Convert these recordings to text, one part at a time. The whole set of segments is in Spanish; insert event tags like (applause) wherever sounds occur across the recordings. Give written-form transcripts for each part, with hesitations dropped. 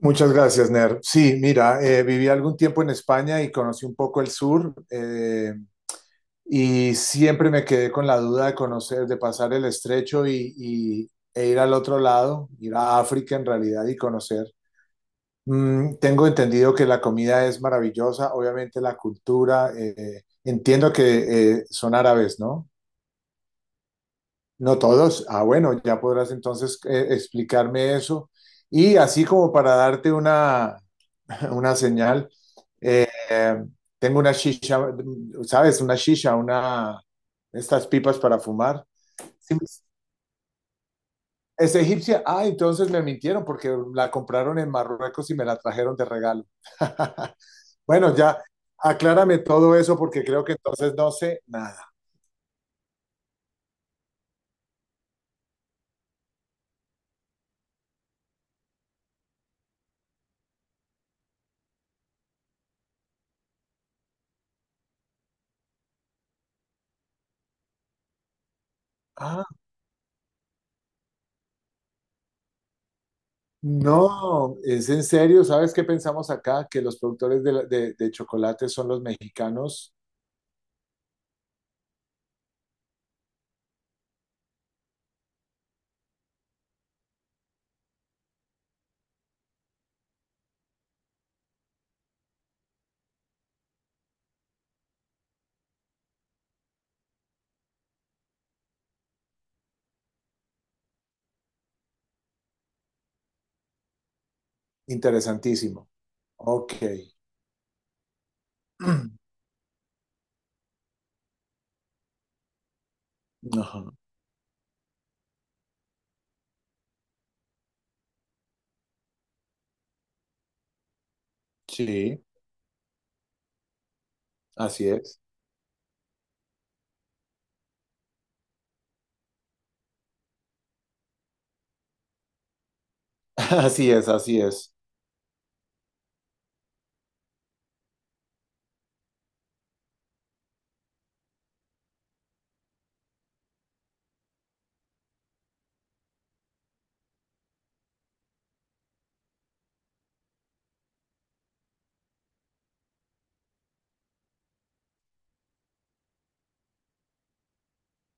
Muchas gracias, Ner. Sí, mira, viví algún tiempo en España y conocí un poco el sur, y siempre me quedé con la duda de conocer, de pasar el estrecho e ir al otro lado, ir a África en realidad y conocer. Tengo entendido que la comida es maravillosa, obviamente la cultura, entiendo que son árabes, ¿no? No todos. Ah, bueno, ya podrás entonces explicarme eso. Y así como para darte una (laughs) una señal. Eh, tengo una shisha, ¿sabes? Una shisha, una, estas pipas para fumar. Sí, es egipcia. Ah, entonces me mintieron porque la compraron en Marruecos y me la trajeron de regalo. (laughs) Bueno, ya, aclárame todo eso porque creo que entonces no sé nada. Ah, no, es en serio. ¿Sabes qué pensamos acá? Que los productores de chocolate son los mexicanos. Interesantísimo. Ok. (clears throat) Ajá. Sí. Así es, (laughs) así es, así es.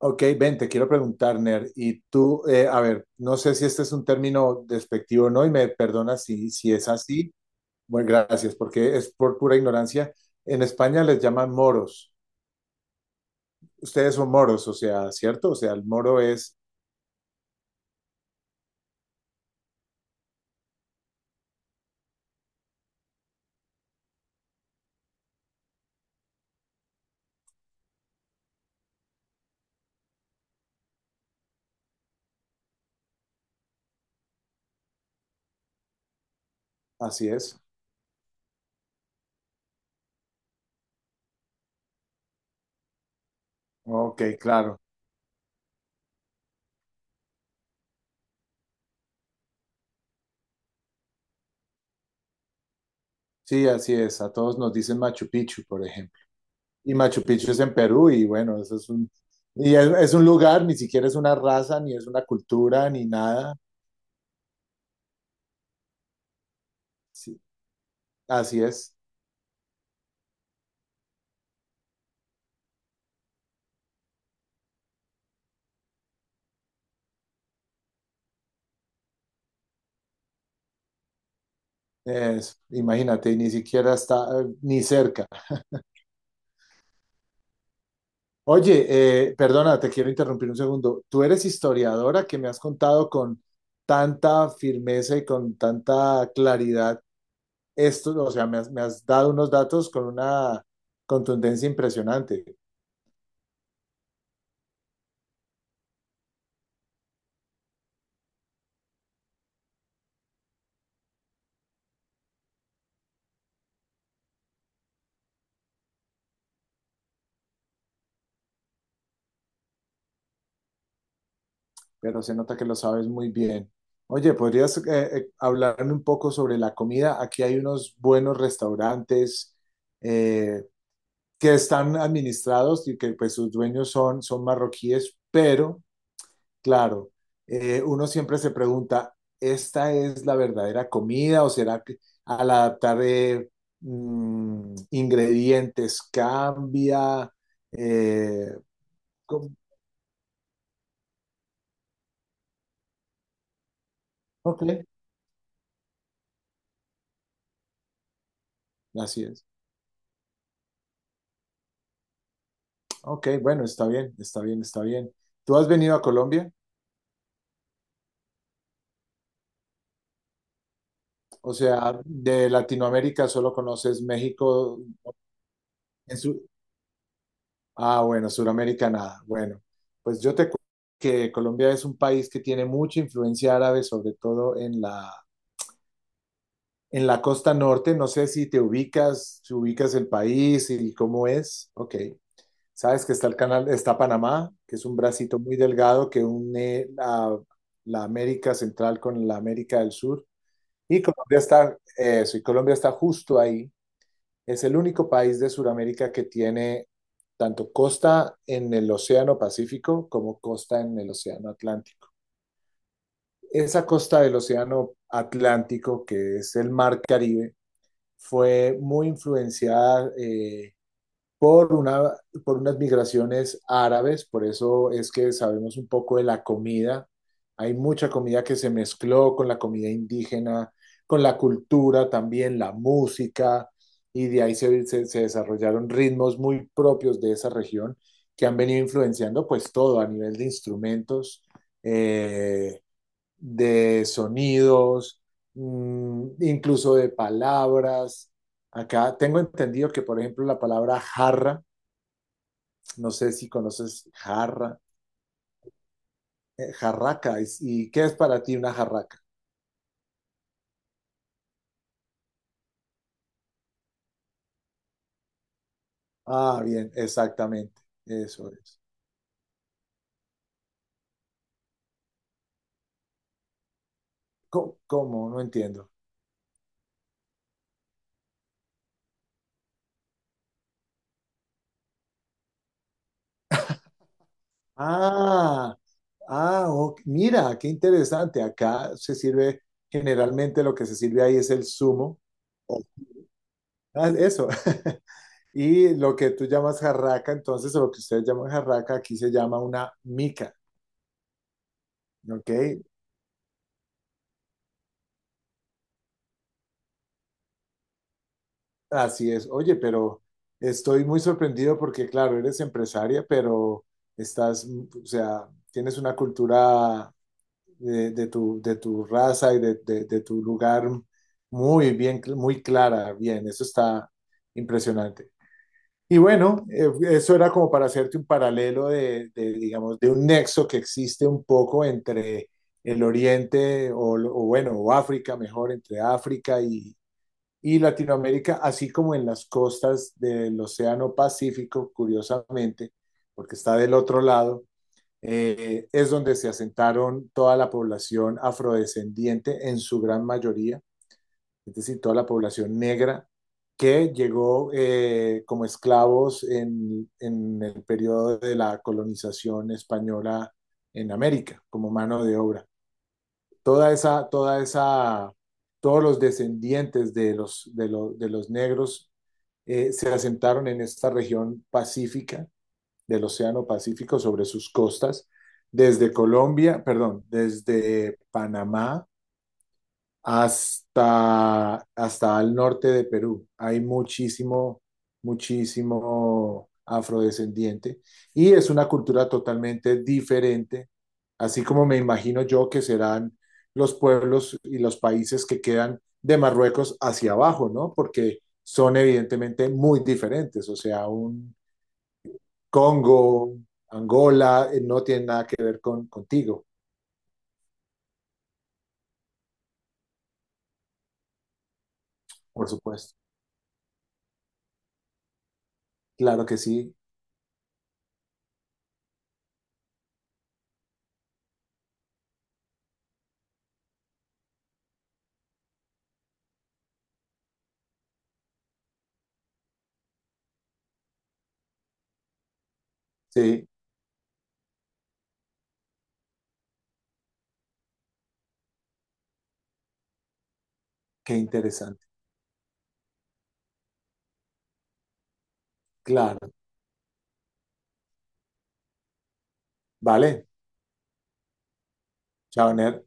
Ok, ven, te quiero preguntar, Ner, y tú, a ver, no sé si este es un término despectivo o no, y me perdonas si es así. Bueno, gracias, porque es por pura ignorancia. En España les llaman moros. Ustedes son moros, o sea, ¿cierto? O sea, el moro es, así es. Ok, claro. Sí, así es. A todos nos dicen Machu Picchu, por ejemplo. Y Machu Picchu es en Perú, y bueno, eso es un, y es un lugar, ni siquiera es una raza, ni es una cultura, ni nada. Sí. Así es. Imagínate, ni siquiera está ni cerca. Oye, perdona, te quiero interrumpir un segundo. Tú eres historiadora que me has contado con tanta firmeza y con tanta claridad esto, o sea, me has dado unos datos con una contundencia impresionante, pero se nota que lo sabes muy bien. Oye, ¿podrías hablarme un poco sobre la comida? Aquí hay unos buenos restaurantes. eh, que están administrados y que pues sus dueños son, son marroquíes, pero claro, uno siempre se pregunta, ¿esta es la verdadera comida o será que al adaptar ingredientes cambia? Eh, ¿Cómo? Ok, así es. Ok, bueno, está bien, está bien, está bien. ¿Tú has venido a Colombia? O sea, de Latinoamérica solo conoces México. En su- Ah, bueno, Suramérica nada. Bueno, pues yo te cuento que Colombia es un país que tiene mucha influencia árabe, sobre todo en la costa norte. No sé si te ubicas, si ubicas el país y cómo es. Ok. Sabes que está el canal, está Panamá, que es un bracito muy delgado que une la, la América Central con la América del Sur. Y Colombia está, eso, y Colombia está justo ahí. Es el único país de Sudamérica que tiene tanto costa en el Océano Pacífico como costa en el Océano Atlántico. Esa costa del Océano Atlántico, que es el Mar Caribe, fue muy influenciada por una, por unas migraciones árabes, por eso es que sabemos un poco de la comida. Hay mucha comida que se mezcló con la comida indígena, con la cultura también, la música, y de ahí se desarrollaron ritmos muy propios de esa región que han venido influenciando pues todo a nivel de instrumentos, eh, de sonidos, incluso de palabras. Acá tengo entendido que, por ejemplo, la palabra jarra, no sé si conoces jarra, jarraca. ¿Y qué es para ti una jarraca? Ah, bien, exactamente. Eso es. ¿Cómo? No entiendo. Ah, ah, ok, mira, qué interesante. Acá se sirve, generalmente lo que se sirve ahí es el zumo. Ah, eso. (laughs) Y lo que tú llamas jarraca, entonces, o lo que ustedes llaman jarraca, aquí se llama una mica. ¿Ok? Así es. Oye, pero estoy muy sorprendido porque, claro, eres empresaria, pero estás, mm, o sea, tienes una cultura de tu raza y de tu lugar muy bien, muy clara. Bien, eso está impresionante. Y bueno, eso era como para hacerte un paralelo de, digamos, de un nexo que existe un poco entre el Oriente o bueno, o África, mejor, entre África y Latinoamérica, así como en las costas del Océano Pacífico, curiosamente, porque está del otro lado, es donde se asentaron toda la población afrodescendiente en su gran mayoría, es decir, toda la población negra que llegó como esclavos en el periodo de la colonización española en América, como mano de obra. Toda esa, toda esa, todos los descendientes de los, de los negros se asentaron en esta región pacífica, del Océano Pacífico, sobre sus costas, desde Colombia, perdón, desde Panamá, hasta, hasta al norte de Perú. Hay muchísimo, muchísimo afrodescendiente y es una cultura totalmente diferente, así como me imagino yo que serán los pueblos y los países que quedan de Marruecos hacia abajo, ¿no? Porque son evidentemente muy diferentes, o sea, un Congo, Angola, no tiene nada que ver con contigo, por supuesto. Claro que sí, sí, qué interesante. Claro. Vale, chao, Ner.